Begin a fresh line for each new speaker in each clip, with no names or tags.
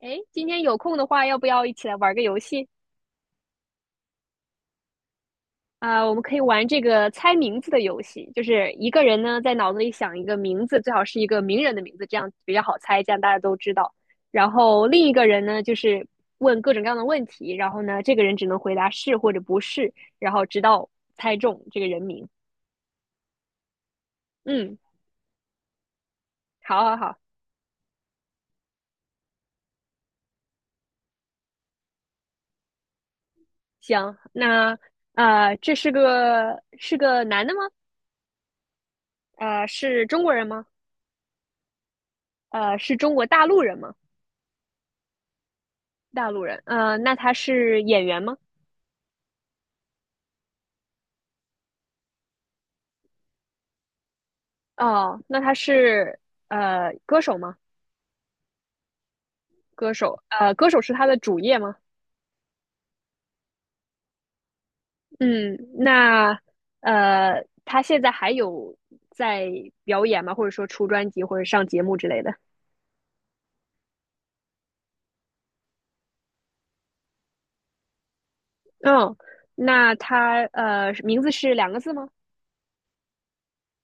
诶，今天有空的话，要不要一起来玩个游戏？我们可以玩这个猜名字的游戏，就是一个人呢在脑子里想一个名字，最好是一个名人的名字，这样比较好猜，这样大家都知道。然后另一个人呢，就是问各种各样的问题，然后呢，这个人只能回答是或者不是，然后直到猜中这个人名。嗯，好好好，行，那这是个男的吗？是中国人吗？是中国大陆人吗？大陆人，那他是演员吗？哦，那他是歌手吗？歌手，呃，歌手是他的主业吗？嗯，那他现在还有在表演吗？或者说出专辑或者上节目之类的？嗯，那他名字是两个字吗？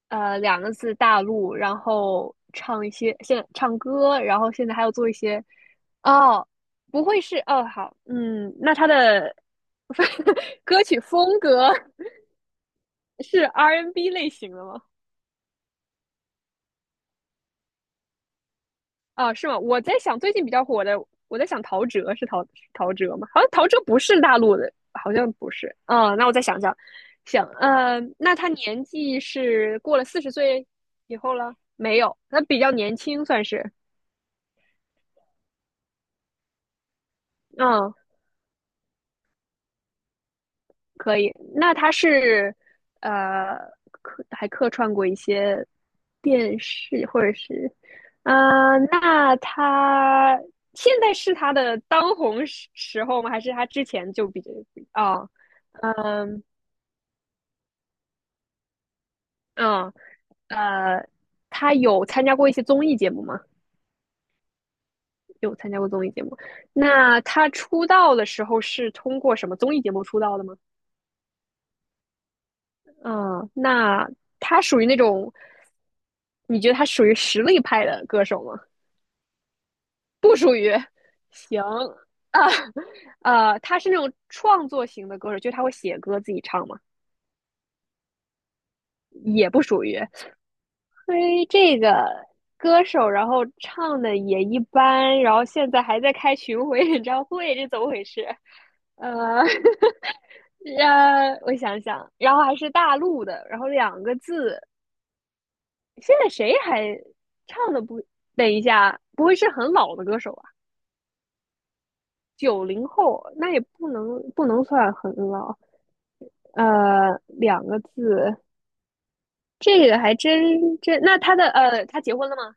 呃两个字大陆，然后唱一些现唱歌，然后现在还要做一些哦，不会是哦好，嗯，那他的 歌曲风格是 R&B N 类型的吗？啊，是吗？我在想最近比较火的，我在想陶喆是陶喆吗？好像陶喆不是大陆的，好像不是。嗯，那我再想想，想，那他年纪是过了四十岁以后了？没有，他比较年轻算是。嗯，可以，那他是呃客串过一些电视或者是，呃，那他现在是他的当红时候吗？还是他之前就比较哦，嗯嗯呃，他有参加过一些综艺节目吗？有参加过综艺节目。那他出道的时候是通过什么综艺节目出道的吗？嗯，那他属于那种，你觉得他属于实力派的歌手吗？不属于。行啊，呃，他是那种创作型的歌手，就是他会写歌自己唱嘛？也不属于。嘿，这个歌手，然后唱的也一般，然后现在还在开巡回演唱会，这怎么回事？呃，呃，我想想，然后还是大陆的，然后两个字，现在谁还唱的不？等一下，不会是很老的歌手啊？九零后，那也不能算很老。两个字，这个还真。那他的他结婚了吗？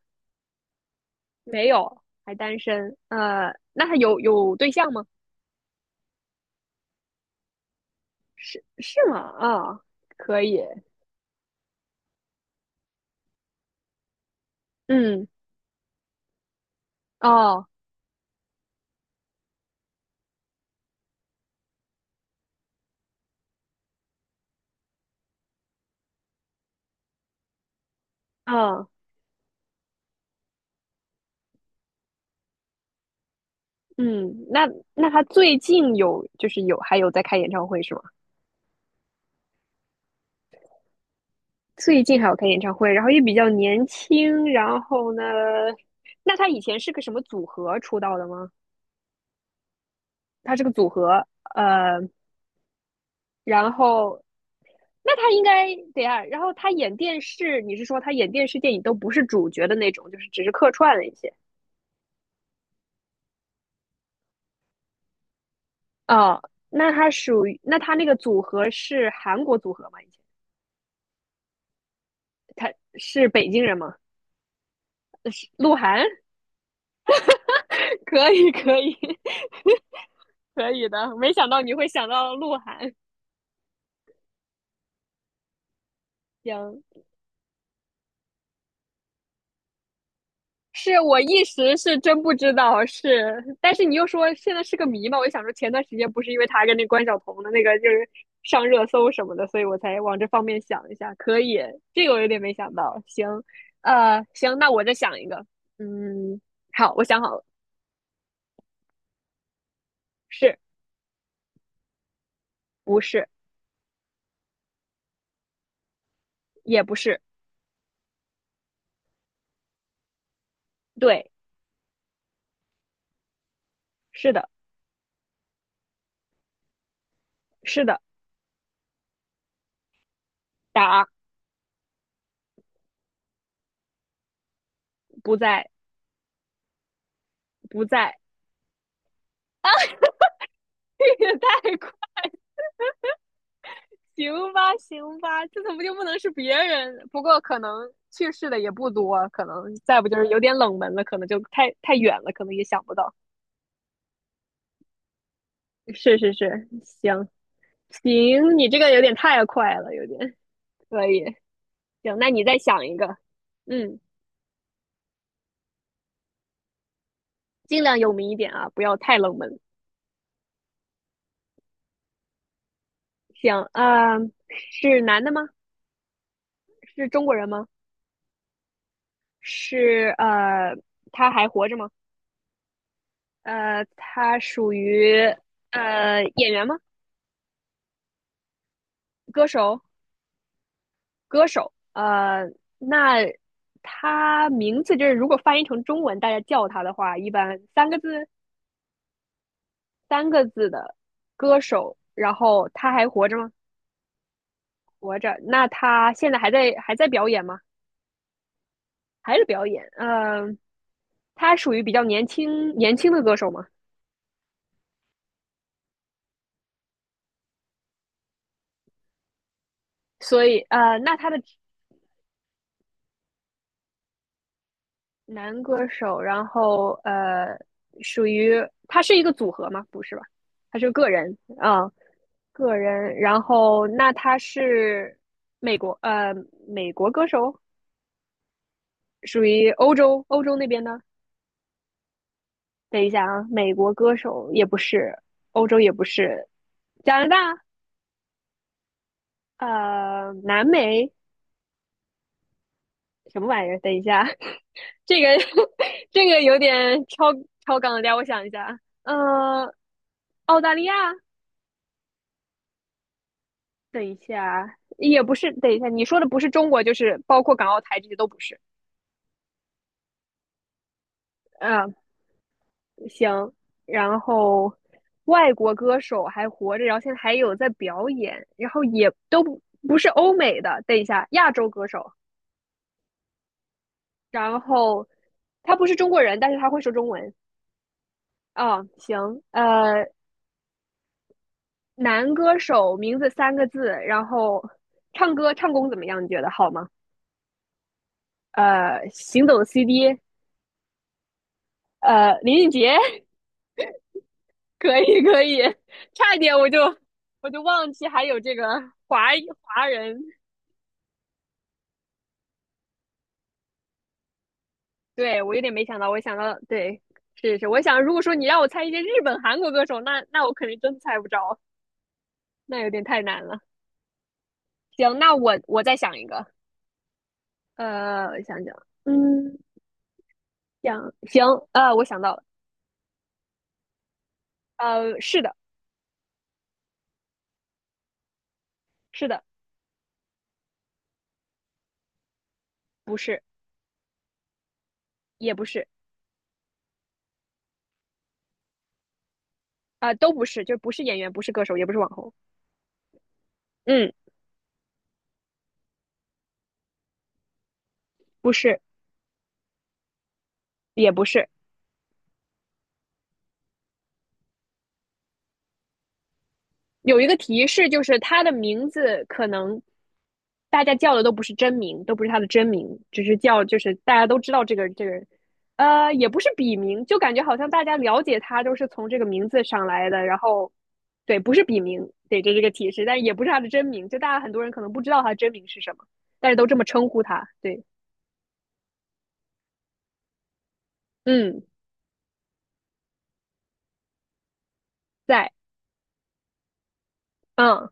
还单身？那他有对象吗？是吗？可以。嗯，哦，嗯嗯，那那他最近有就是还有在开演唱会是吗？最近还有开演唱会，然后也比较年轻，然后呢，那他以前是个什么组合出道的吗？他是个组合，呃，然后那他应该对啊，然后他演电视，你是说他演电视电影都不是主角的那种，就是只是客串了一些哦，那他属于，那他那个组合是韩国组合吗？以前他是北京人吗？是鹿晗，可以，可以，可以的。没想到你会想到鹿晗，行，是我一时是真不知道，是，但是你又说现在是个谜嘛，我就想说前段时间不是因为他跟那关晓彤的那个就是上热搜什么的，所以我才往这方面想一下。可以，这个我有点没想到。行，呃，行，那我再想一个。嗯，好，我想好了，是不是？也不是，对，是的，是的，答，不在，不在，也太快行吧，行吧，这怎么就不能是别人？不过可能去世的也不多，可能再不就是有点冷门了，可能就太远了，可能也想不到。是是是，行行，你这个有点太快了，有点可以。行，那你再想一个，嗯，尽量有名一点啊，不要太冷门。行，是男的吗？是中国人吗？是他还活着吗？他属于演员吗？歌手？歌手，那他名字就是如果翻译成中文，大家叫他的话，一般三个字三个字的歌手，然后他还活着吗？活着。那他现在还在表演吗？还是表演？嗯、呃他属于比较年轻的歌手嘛。所以那他的男歌手，然后呃，属于他是一个组合吗？不是吧？他是个人个人，然后那他是美国美国歌手，属于欧洲那边的。等一下啊，美国歌手也不是，欧洲也不是，加拿大南美什么玩意儿？等一下，这个 这个有点超纲了点，等我想一下，啊，呃，澳大利亚，等一下啊也不是，等一下你说的不是中国，就是包括港澳台这些都不是，嗯、行，然后外国歌手还活着，然后现在还有在表演，然后也都不不是欧美的，等一下，亚洲歌手，然后他不是中国人，但是他会说中文啊，行，男歌手名字三个字，然后唱歌唱功怎么样？你觉得好吗？呃，行走的 CD，呃，林俊杰，可以可以，差一点我就忘记还有这个华裔华人对，我有点没想到，我想到，对，是是，我想如果说你让我猜一些日本、韩国歌手，那那我肯定真猜不着，那有点太难了。行，那我再想一个，呃，我想想，嗯，想行，呃，我想到了，呃，是的，是的，不是，也不是，呃，都不是，就不是演员，不是歌手，也不是网红，嗯，不是，也不是，有一个提示，就是他的名字可能大家叫的都不是真名，都不是他的真名，只是叫就是大家都知道这个人，呃，也不是笔名，就感觉好像大家了解他都是从这个名字上来的，然后对，不是笔名，对，这个提示，但也不是他的真名，就大家很多人可能不知道他真名是什么，但是都这么称呼他，对，嗯，在，嗯，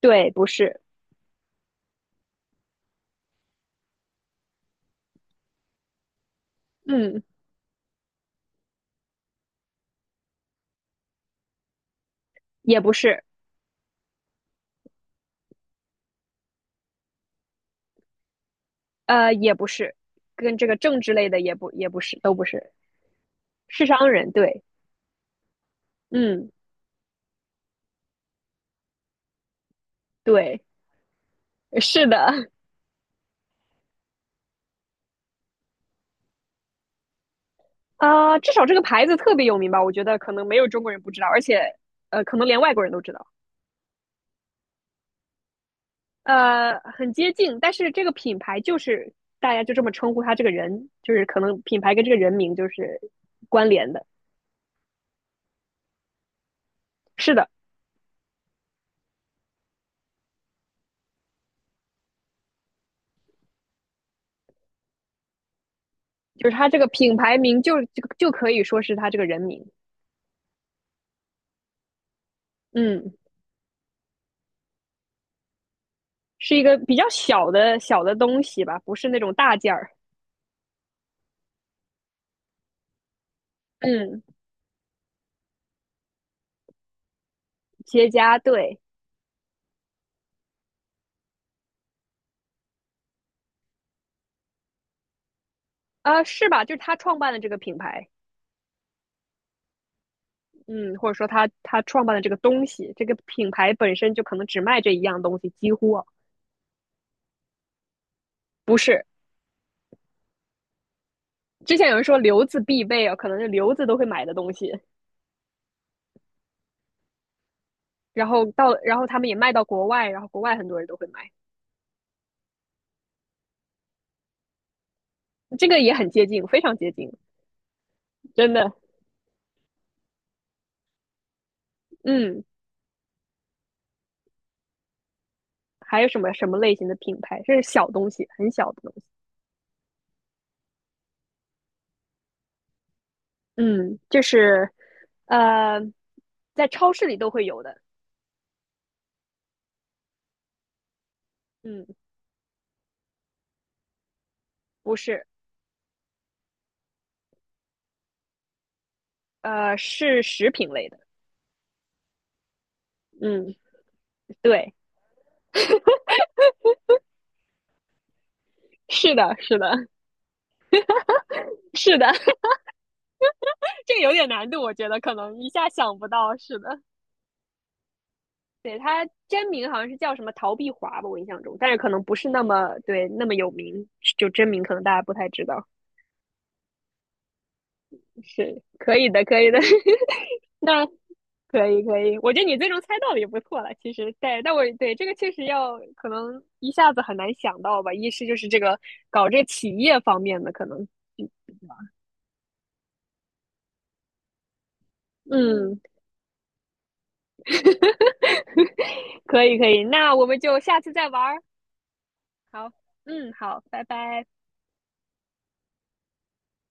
对，不是，嗯，也不是，呃，也不是，跟这个政治类的也不是，都不是。是商人，对，嗯，对，是的，至少这个牌子特别有名吧？我觉得可能没有中国人不知道，而且，呃，可能连外国人都知道，呃，很接近，但是这个品牌就是大家就这么称呼他这个人，就是可能品牌跟这个人名就是关联的，是的，就是他这个品牌名就可以说是他这个人名，嗯，是一个比较小的东西吧，不是那种大件儿，嗯，结家对，是吧？就是他创办的这个品牌。嗯，或者说他创办的这个东西，这个品牌本身就可能只卖这一样东西，几乎啊不是。之前有人说留子必备啊，可能是留子都会买的东西，然后然后他们也卖到国外，然后国外很多人都会买，这个也很接近，非常接近，真的。嗯，还有什么类型的品牌？这是小东西，很小的东西。嗯，就是呃，在超市里都会有的。嗯，不是，呃，是食品类的。嗯，对，是的，是的。是的，这个有点难度，我觉得可能一下想不到。是的，对，他真名好像是叫什么陶碧华吧，我印象中，但是可能不是那么那么有名，就真名可能大家不太知道。是可以的，可以的，那可以可以，我觉得你最终猜到了也不错了。其实，对，但我对这个确实要可能一下子很难想到吧。一是就是这个搞这个企业方面的可能。嗯，可以可以，那我们就下次再玩儿。好，嗯，好，拜拜。